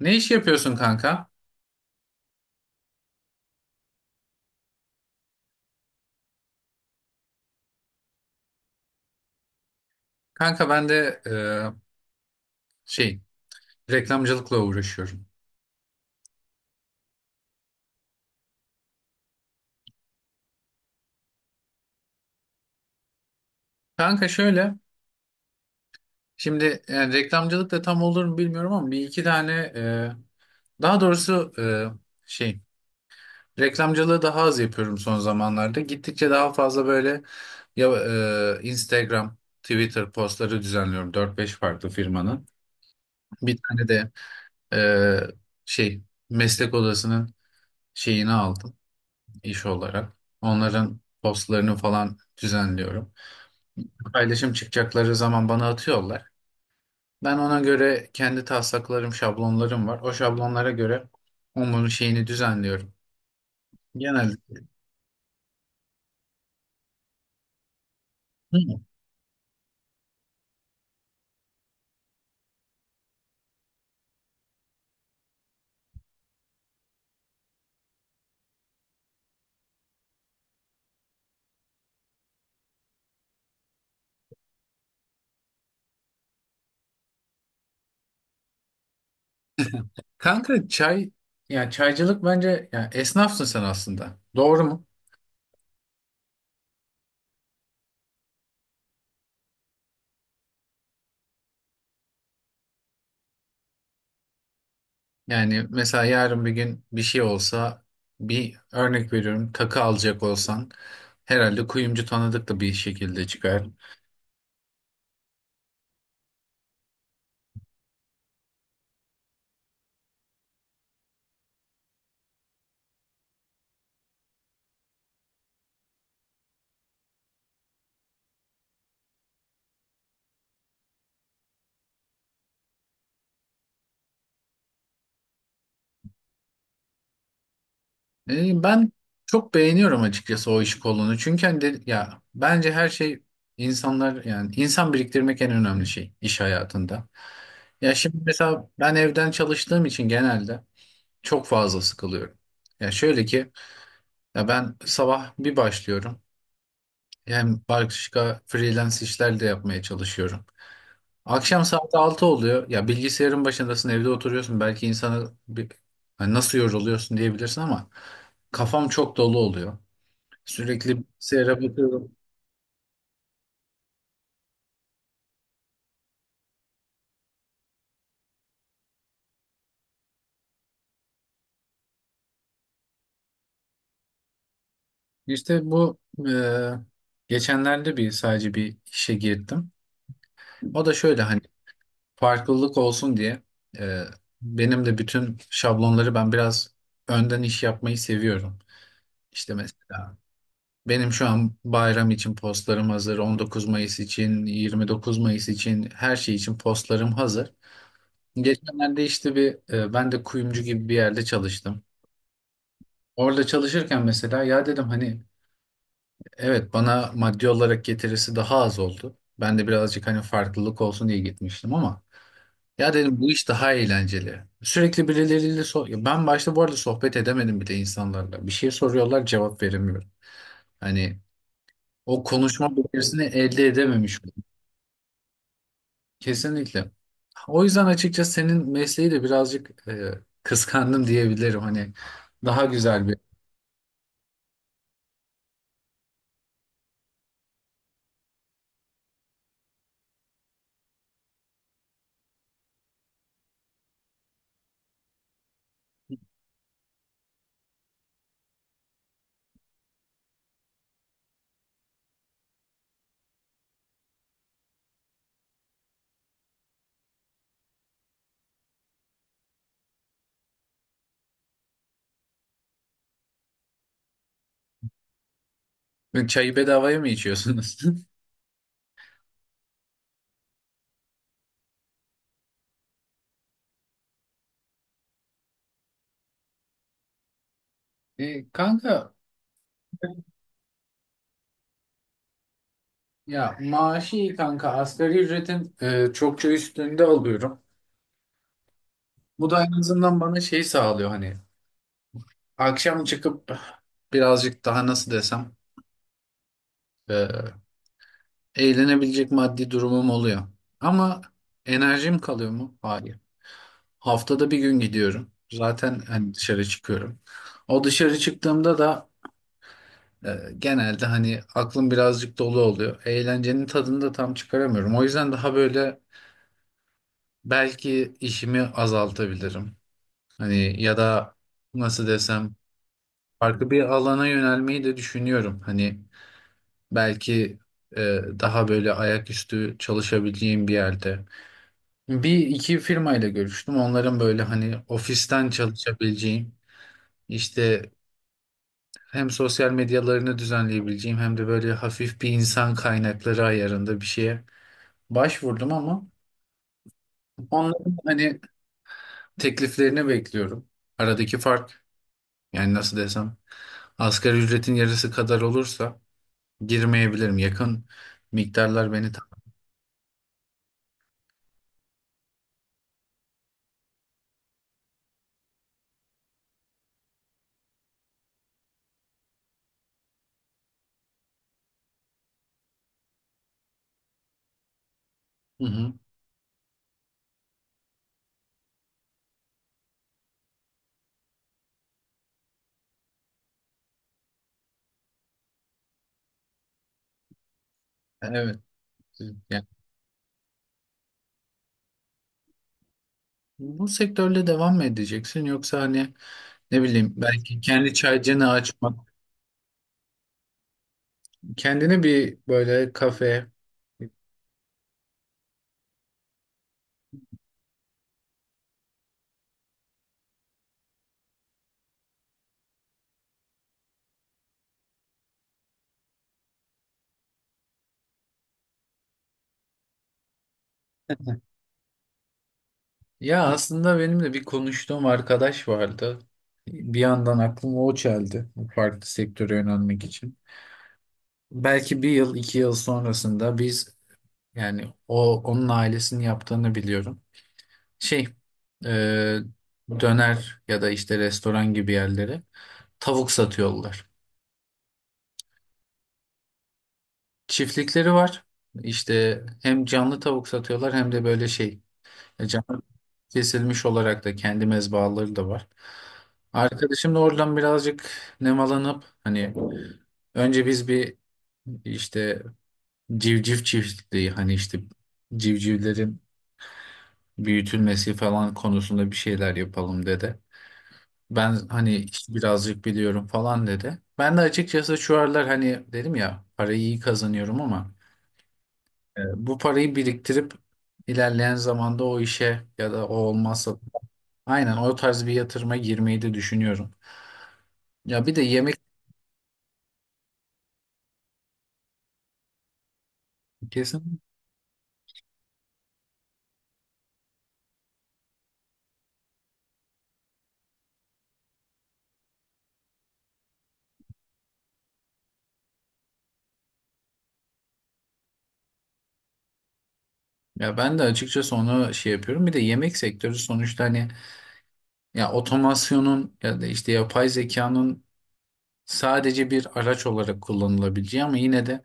Ne iş yapıyorsun kanka? Kanka ben de şey reklamcılıkla uğraşıyorum. Kanka şöyle, şimdi yani reklamcılık da tam olur mu bilmiyorum ama bir iki tane daha doğrusu şey reklamcılığı daha az yapıyorum son zamanlarda. Gittikçe daha fazla böyle ya, Instagram, Twitter postları düzenliyorum 4 5 farklı firmanın. Bir tane de e, şey meslek odasının şeyini aldım. İş olarak. Onların postlarını falan düzenliyorum. Paylaşım çıkacakları zaman bana atıyorlar. Ben ona göre kendi taslaklarım, şablonlarım var. O şablonlara göre onun şeyini düzenliyorum. Genelde. Hı. Kanka çay, yani çaycılık bence yani esnafsın sen aslında. Doğru mu? Yani mesela yarın bir gün bir şey olsa, bir örnek veriyorum, takı alacak olsan herhalde kuyumcu tanıdık da bir şekilde çıkar. Ben çok beğeniyorum açıkçası o iş kolunu. Çünkü hani de- ya bence her şey insanlar, yani insan biriktirmek en önemli şey iş hayatında. Ya şimdi mesela ben evden çalıştığım için genelde çok fazla sıkılıyorum. Ya şöyle ki, ya ben sabah bir başlıyorum. Hem başka freelance işler de yapmaya çalışıyorum. Akşam saat 6 oluyor. Ya bilgisayarın başındasın, evde oturuyorsun. Belki insana bir, hani nasıl yoruluyorsun diyebilirsin ama kafam çok dolu oluyor. Sürekli bilgisayara bakıyorum. İşte bu e, geçenlerde bir sadece bir işe girdim. O da şöyle, hani farklılık olsun diye e, benim de bütün şablonları ben biraz önden iş yapmayı seviyorum. İşte mesela benim şu an bayram için postlarım hazır, 19 Mayıs için, 29 Mayıs için her şey için postlarım hazır. Geçenlerde işte bir ben de kuyumcu gibi bir yerde çalıştım. Orada çalışırken mesela ya dedim hani evet, bana maddi olarak getirisi daha az oldu. Ben de birazcık hani farklılık olsun diye gitmiştim ama ya dedim bu iş daha eğlenceli. Sürekli birileriyle so- ya ben başta bu arada sohbet edemedim bile insanlarla. Bir şey soruyorlar, cevap veremiyorum. Hani o konuşma becerisini elde edememiş oldum. Kesinlikle. O yüzden açıkçası senin mesleği de birazcık kıskandım diyebilirim. Hani daha güzel bir çayı bedavaya mı içiyorsunuz? Kanka, ya maaşı iyi kanka. Asgari ücretin çokça üstünde alıyorum. Bu da en azından bana şey sağlıyor, hani akşam çıkıp birazcık daha nasıl desem, e, eğlenebilecek maddi durumum oluyor. Ama enerjim kalıyor mu? Hayır. Haftada bir gün gidiyorum. Zaten hani dışarı çıkıyorum. O dışarı çıktığımda da genelde hani aklım birazcık dolu oluyor. Eğlencenin tadını da tam çıkaramıyorum. O yüzden daha böyle belki işimi azaltabilirim. Hani ya da nasıl desem, farklı bir alana yönelmeyi de düşünüyorum. Hani belki e, daha böyle ayaküstü çalışabileceğim bir yerde. Bir iki firmayla görüştüm. Onların böyle hani ofisten çalışabileceğim, işte hem sosyal medyalarını düzenleyebileceğim hem de böyle hafif bir insan kaynakları ayarında bir şeye başvurdum ama onların hani tekliflerini bekliyorum. Aradaki fark, yani nasıl desem, asgari ücretin yarısı kadar olursa girmeyebilirim. Yakın miktarlar beni tam. Hı hı. Evet. Yani bu sektörle devam mı edeceksin yoksa hani, ne bileyim, belki kendi çaycını açmak, kendine bir böyle kafe. Ya aslında benim de bir konuştuğum arkadaş vardı. Bir yandan aklıma o çeldi bu farklı sektöre yönelmek için. Belki bir yıl, iki yıl sonrasında biz, yani o, onun ailesinin yaptığını biliyorum. Şey, e, döner ya da işte restoran gibi yerlere tavuk satıyorlar. Çiftlikleri var. İşte hem canlı tavuk satıyorlar hem de böyle şey, canlı kesilmiş olarak da kendi mezbahaları da var. Arkadaşım da oradan birazcık nemalanıp hani önce biz bir işte civciv çiftliği, hani işte civcivlerin büyütülmesi falan konusunda bir şeyler yapalım dedi. Ben hani işte birazcık biliyorum falan dedi. Ben de açıkçası şu aralar hani dedim ya parayı iyi kazanıyorum ama e, bu parayı biriktirip ilerleyen zamanda o işe ya da o olmazsa aynen o tarz bir yatırıma girmeyi de düşünüyorum. Ya bir de yemek, kesin. Ya ben de açıkçası onu şey yapıyorum. Bir de yemek sektörü sonuçta hani ya otomasyonun ya da işte yapay zekanın sadece bir araç olarak kullanılabileceği ama yine de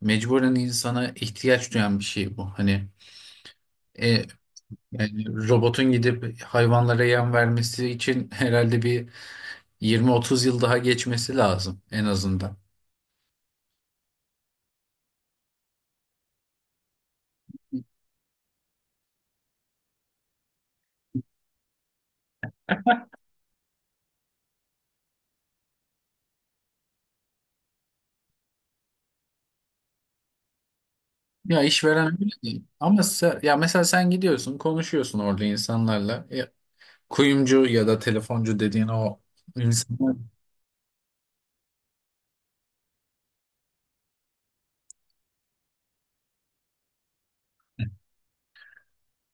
mecburen insana ihtiyaç duyan bir şey bu. Hani E, yani robotun gidip hayvanlara yem vermesi için herhalde bir 20-30 yıl daha geçmesi lazım en azından. Ya işveren öyle değil. Ama se- ya mesela sen gidiyorsun, konuşuyorsun orada insanlarla. Kuyumcu ya da telefoncu dediğin o insanlar,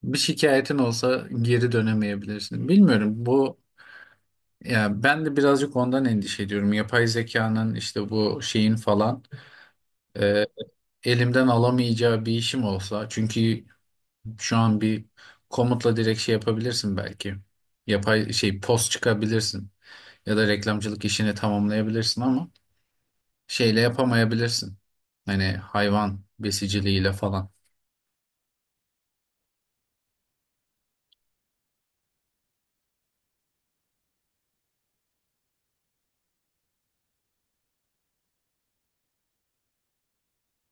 bir şikayetin olsa geri dönemeyebilirsin. Bilmiyorum bu, ya ben de birazcık ondan endişe ediyorum. Yapay zekanın işte bu şeyin falan e, elimden alamayacağı bir işim olsa. Çünkü şu an bir komutla direkt şey yapabilirsin belki. Yapay şey post çıkabilirsin ya da reklamcılık işini tamamlayabilirsin ama şeyle yapamayabilirsin. Hani hayvan besiciliğiyle falan.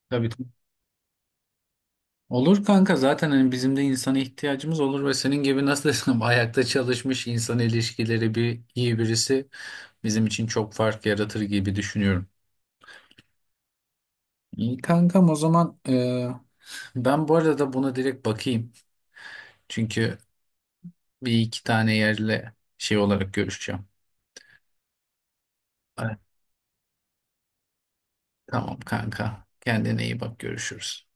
Tabii. Olur kanka, zaten hani bizim de insana ihtiyacımız olur ve senin gibi nasıl desem ayakta çalışmış, insan ilişkileri bir iyi birisi bizim için çok fark yaratır gibi düşünüyorum. İyi kankam, o zaman ben bu arada buna direkt bakayım. Çünkü bir iki tane yerle şey olarak görüşeceğim. Evet, tamam kanka, kendine iyi bak, görüşürüz.